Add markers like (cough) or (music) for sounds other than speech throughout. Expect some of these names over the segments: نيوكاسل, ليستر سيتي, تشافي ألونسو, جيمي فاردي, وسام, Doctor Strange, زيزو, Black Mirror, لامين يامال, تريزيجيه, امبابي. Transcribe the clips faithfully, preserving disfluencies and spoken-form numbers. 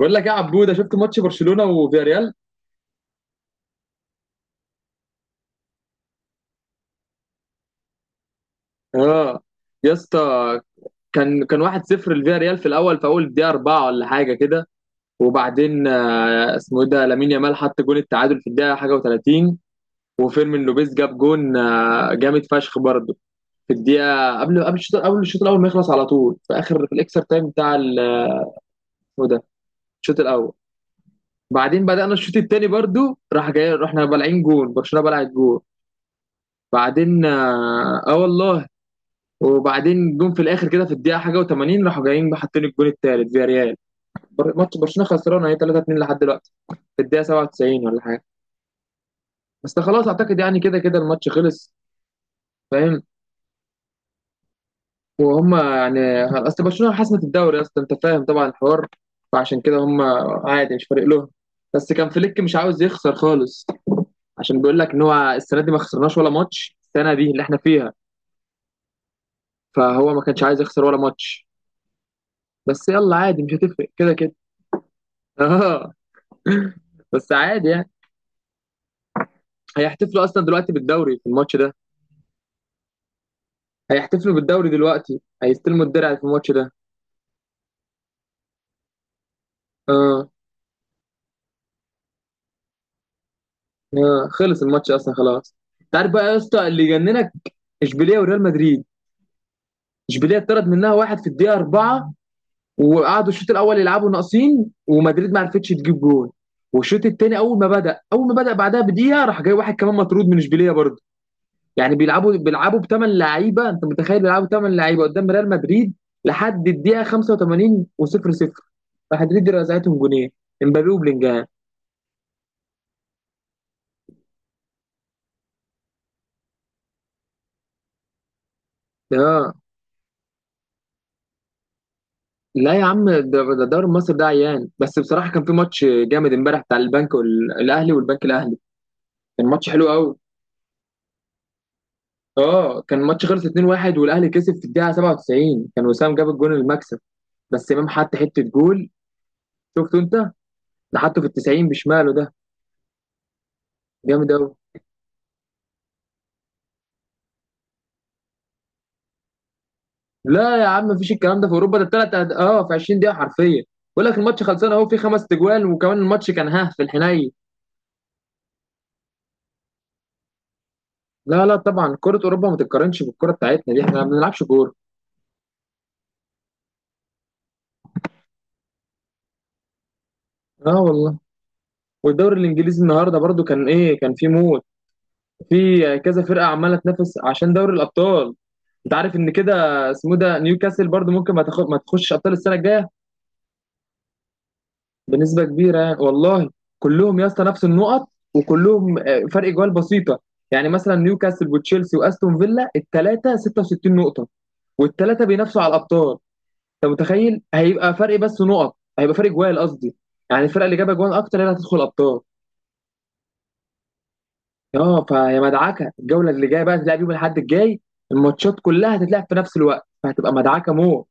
بقول لك إيه يا عبوده؟ شفت ماتش برشلونه وفياريال؟ اه يا اسطى. كان كان واحد صفر لفياريال في الاول، في اول الدقيقه اربعه ولا حاجه كده. وبعدين آه، اسمه ايه ده لامين يامال، حط جون التعادل في الدقيقه حاجه و30. وفيرمين لوبيز جاب جون آه، جامد فشخ برضه في الدقيقه قبل قبل الشوط قبل الشوط الاول ما يخلص، على طول في اخر في الاكسترا تايم بتاع ال- اسمه إيه ده، الشوط الاول. بعدين بدانا الشوط الثاني برضه، راح جاي رحنا بلعين جون، برشلونه بلعت جون. بعدين اه، آه والله. وبعدين جم في الاخر كده في الدقيقه حاجه و80، راحوا جايين حاطين الجون الثالث فيا ريال. بر- ماتش برشلونه خسران اهي تلاتة اتنين لحد دلوقتي، في الدقيقه سبعة وتسعين ولا حاجه. بس ده خلاص اعتقد يعني كده كده الماتش خلص. فاهم؟ وهم يعني اصل برشلونه حسمت الدوري اصلا، انت فاهم طبعا الحوار، فعشان كده هم عادي مش فارق لهم. بس كان فليك مش عاوز يخسر خالص، عشان بيقول لك ان هو السنه دي ما خسرناش ولا ماتش، السنه دي اللي احنا فيها. فهو ما كانش عايز يخسر ولا ماتش. بس يلا عادي مش هتفرق كده كده. (laughs) اه. بس عادي يعني. هيحتفلوا اصلا دلوقتي بالدوري في الماتش ده. هيحتفلوا بالدوري دلوقتي، هيستلموا الدرع في الماتش ده. اه. اه خلص الماتش اصلا خلاص. انت عارف بقى يا اسطى اللي يجننك؟ اشبيليه وريال مدريد. اشبيليه اتطرد منها واحد في الدقيقه اربعه، وقعدوا الشوط الاول يلعبوا ناقصين ومدريد ما عرفتش تجيب جول. والشوط الثاني اول ما بدا اول ما بدا بعدها بدقيقه راح جاي واحد كمان مطرود من اشبيليه برضه. يعني بيلعبوا بيلعبوا بثمان لعيبه، انت متخيل بيلعبوا بثمان لعيبه قدام ريال مدريد لحد الدقيقه خمسة وتمانين و0 صفر. مدريد رزعتهم جونين، امبابي وبلينجهام. اه. لا يا عم ده ده الدوري المصري ده عيان، بس بصراحه كان في ماتش جامد امبارح بتاع البنك وال- الاهلي والبنك الاهلي. كان ماتش حلو قوي. اه كان ماتش خلص اتنين واحد والاهلي كسب في الدقيقه سبعة وتسعين، كان وسام جاب الجون المكسب. بس امام حط حته جول. شفته انت؟ ده حطه في ال تسعين بشماله ده. جامد قوي. لا يا عم، مفيش الكلام ده في اوروبا. ده الثلاث أهد... اه في عشرين دقيقه حرفيا. بقول لك الماتش خلصان اهو في خمس تجوال، وكمان الماتش كان ها في الحنين. لا لا طبعا كره اوروبا ما تتقارنش بالكره بتاعتنا، دي احنا ما بنلعبش كوره. اه والله. والدوري الانجليزي النهارده برضو كان ايه، كان في موت. في كذا فرقه عماله تنافس عشان دوري الابطال. انت عارف ان كده اسمه ده نيوكاسل برضو ممكن ما تاخد ما تخش ابطال السنه الجايه، بنسبة كبيرة يعني. والله. كلهم يا اسطى نفس النقط، وكلهم آه، فرق جوال بسيطة. يعني مثلا نيوكاسل وتشيلسي واستون فيلا الثلاثة ستة وستين نقطة، والثلاثة بينافسوا على الأبطال. أنت متخيل هيبقى فرق بس نقط، هيبقى فرق جوال قصدي. يعني الفرقة اللي جايبة جوال أكتر هي اللي هتدخل أبطال. اه فيا مدعكة الجولة اللي جاية بقى، هتلعب يوم الأحد الجاي، الماتشات كلها هتتلعب في نفس الوقت، فهتبقى مدعكة مو.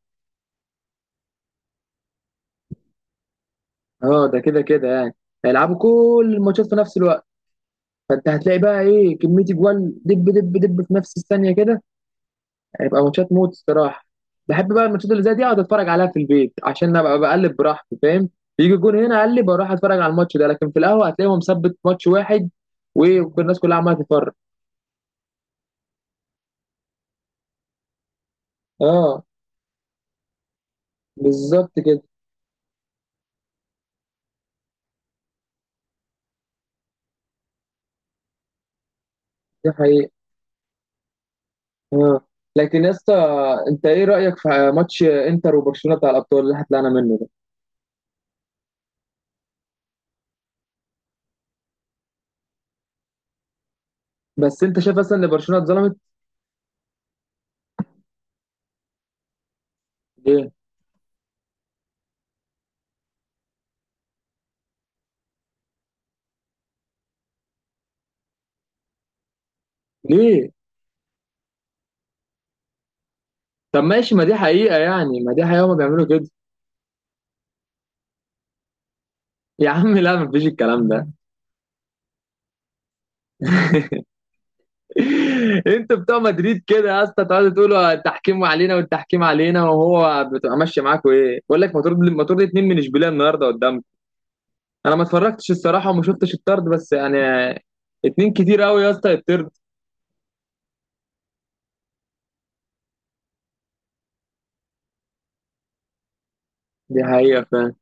اه ده كده كده يعني. هيلعبوا كل الماتشات في نفس الوقت، فانت هتلاقي بقى ايه، كميه جوال دب دب دب في نفس الثانيه كده. هيبقى ماتشات موت الصراحه. بحب بقى الماتشات اللي زي دي اقعد اتفرج عليها في البيت، عشان ابقى بقلب براحتي فاهم. يجي الجون هنا اقلب اروح اتفرج على الماتش ده، لكن في القهوه هتلاقيهم مثبت ماتش واحد، والناس كلها عماله تتفرج. اه بالظبط كده. دي حقيقه. اه. لكن يا اسطى انت ايه رايك في ماتش انتر وبرشلونه بتاع الابطال اللي هتلاقينا منه ده؟ بس انت شايف اصلا ان برشلونه اتظلمت؟ ليه؟ ليه؟ طب ماشي ما دي حقيقه يعني، ما دي حقيقه هما بيعملوا كده. يا عم لا مفيش الكلام ده. (laughs) انتوا بتوع مدريد كده يا اسطى، تقعدوا تقولوا التحكيم علينا والتحكيم علينا، وهو بتبقى ماشيه معاكوا. ايه بقول لك ما طرد ما طرد اتنين من اشبيليه النهارده قدامك. انا ما اتفرجتش الصراحه وما شفتش الطرد، بس يعني اتنين كتير قوي يا اسطى يتطرد. دي حقيقه فاهم.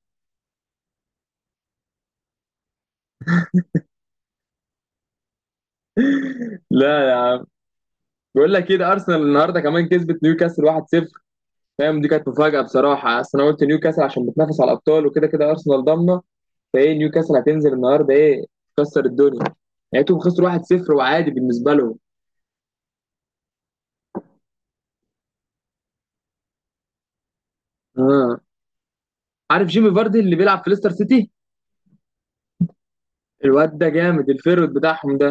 لا بقول لك كده ارسنال النهارده كمان كسبت نيوكاسل واحد صفر. فاهم دي كانت مفاجاه بصراحه، اصل انا قلت نيوكاسل عشان بتنافس على الابطال وكده كده ارسنال ضامنه. فايه نيوكاسل هتنزل النهارده ايه، تكسر الدنيا. لقيتهم خسروا واحد صفر وعادي بالنسبه لهم. اه. عارف جيمي فاردي اللي بيلعب في ليستر سيتي؟ الواد ده جامد الفيرود بتاعهم ده.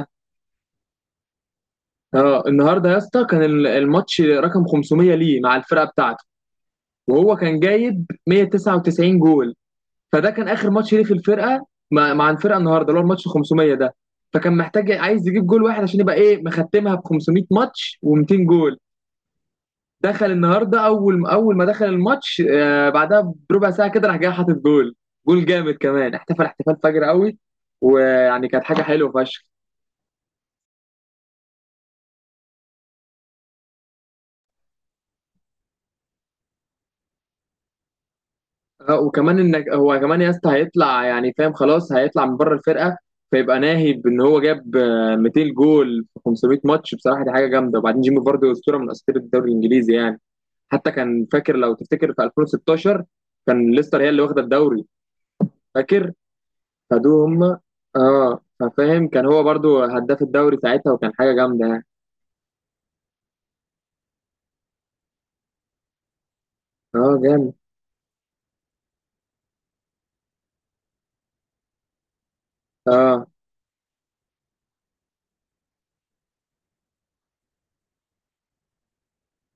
اه النهارده يا اسطى كان ال- الماتش رقم خمسميه ليه مع الفرقه بتاعته، وهو كان جايب مائة وتسعة وتسعين جول. فده كان اخر ماتش ليه في الفرقه، مع مع الفرقه النهارده اللي هو الماتش خمسميه ده. فكان محتاج عايز يجيب جول واحد عشان يبقى ايه مختمها ب خمسميه ماتش و200 جول. دخل النهارده اول اول ما دخل الماتش، آه، بعدها بربع ساعه كده راح جاي حاطط جول. جول جامد كمان، احتفل احتفال فجر قوي. ويعني كانت حاجه حلوه فشخ. آه، وكمان انك هو كمان يا اسطى هيطلع يعني فاهم، خلاص هيطلع من بره الفرقه. فيبقى ناهي بان هو جاب آه، ميتين جول في خمسميه ماتش. بصراحه دي حاجه جامده. وبعدين جيمي فاردي اسطوره من اساطير الدوري الانجليزي يعني. حتى كان فاكر لو تفتكر، في الفين وستاشر كان ليستر هي اللي واخده الدوري، فاكر؟ خدوه هم. اه. فاهم كان هو برضو هداف الدوري ساعتها وكان حاجه جامده يعني. اه جامد. اه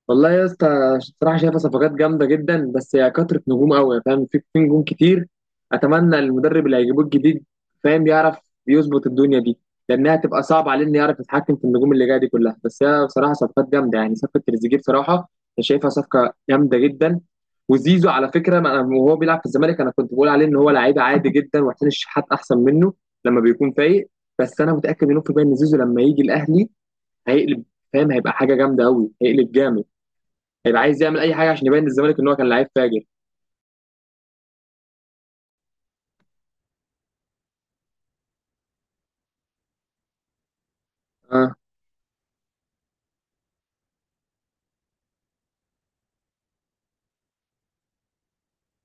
والله يا اسطى الصراحه شايفه صفقات جامده جدا، بس هي كثره نجوم قوي فاهم، في في نجوم كتير. اتمنى المدرب اللي هيجيبوه الجديد فاهم يعرف يظبط الدنيا دي، لانها هتبقى صعبه عليه انه يعرف يتحكم في النجوم اللي جايه دي كلها. بس هي بصراحه صفقات جامده يعني، صفقه تريزيجيه بصراحه انا شايفها صفقه جامده جدا. وزيزو على فكره ما أنا- وهو بيلعب في الزمالك انا كنت بقول عليه ان هو لعيب عادي جدا، وحسين الشحات احسن منه لما بيكون فايق. بس انا متاكد مليون في المية ان زيزو لما يجي الاهلي هيقلب، فاهم هيبقى حاجه جامده قوي، هيقلب جامد. هيبقى عايز يعمل اي حاجه عشان يبين للزمالك ان هو كان لعيب فاجر. اه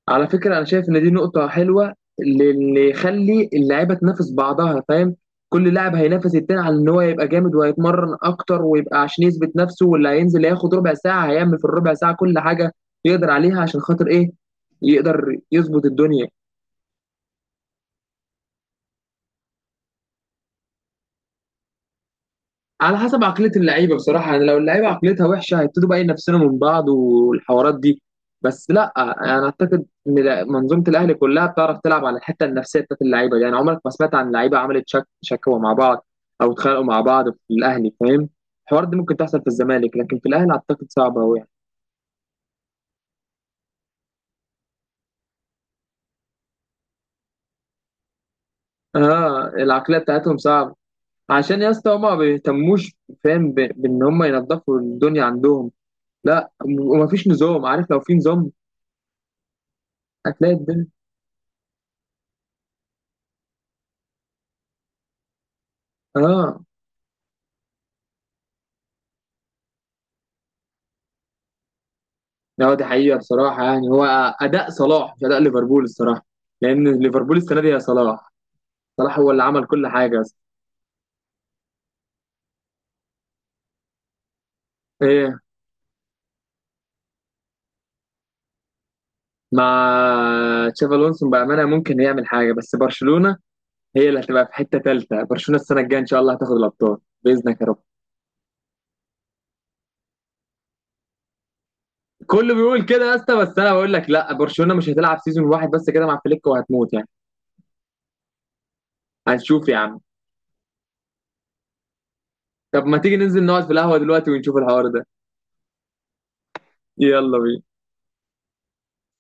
على فكره انا شايف ان دي نقطه حلوه، لان يخلي اللعيبه تنافس بعضها فاهم. كل لاعب هينافس التاني على ان هو يبقى جامد، وهيتمرن اكتر ويبقى عشان يثبت نفسه. واللي هينزل هياخد ربع ساعه هيعمل في الربع ساعه كل حاجه يقدر عليها، عشان خاطر ايه يقدر يظبط الدنيا. على حسب عقلية اللعيبة بصراحة يعني، لو اللعيبة عقليتها وحشة هيبتدوا بقى ينافسونا من بعض والحوارات دي. بس لا انا اعتقد ان لا- منظومة الاهلي كلها بتعرف تلعب على الحتة النفسية بتاعت اللعيبة دي، يعني عمرك ما سمعت عن لعيبة عملت شك شكوى مع بعض او اتخانقوا مع بعض في الاهلي فاهم. الحوار دي ممكن تحصل في الزمالك، لكن في الاهلي اعتقد صعبة قوي يعني. اه العقلية بتاعتهم صعبة، عشان يا اسطى هما ما بيهتموش فاهم ب- بان هما ينظفوا الدنيا عندهم. لا ومفيش نظام، عارف لو في نظام هتلاقي الدنيا. اه. لا دي حقيقة بصراحة يعني، هو أداء صلاح مش أداء ليفربول الصراحة. لأن ليفربول السنة دي يا صلاح، صلاح هو اللي عمل كل حاجة أصلا. إيه؟ مع تشافي ألونسو بأمانة ممكن يعمل حاجة، بس برشلونة هي اللي هتبقى في حتة تالتة. برشلونة السنة الجاية إن شاء الله هتاخد الأبطال بإذنك يا رب. كله بيقول كده يا اسطى، بس أنا بقول لك لا، برشلونة مش هتلعب سيزون واحد بس كده مع فليك وهتموت يعني. هنشوف يا عم. طب ما تيجي ننزل نقعد في القهوة دلوقتي ونشوف الحوار ده؟ يلا بينا.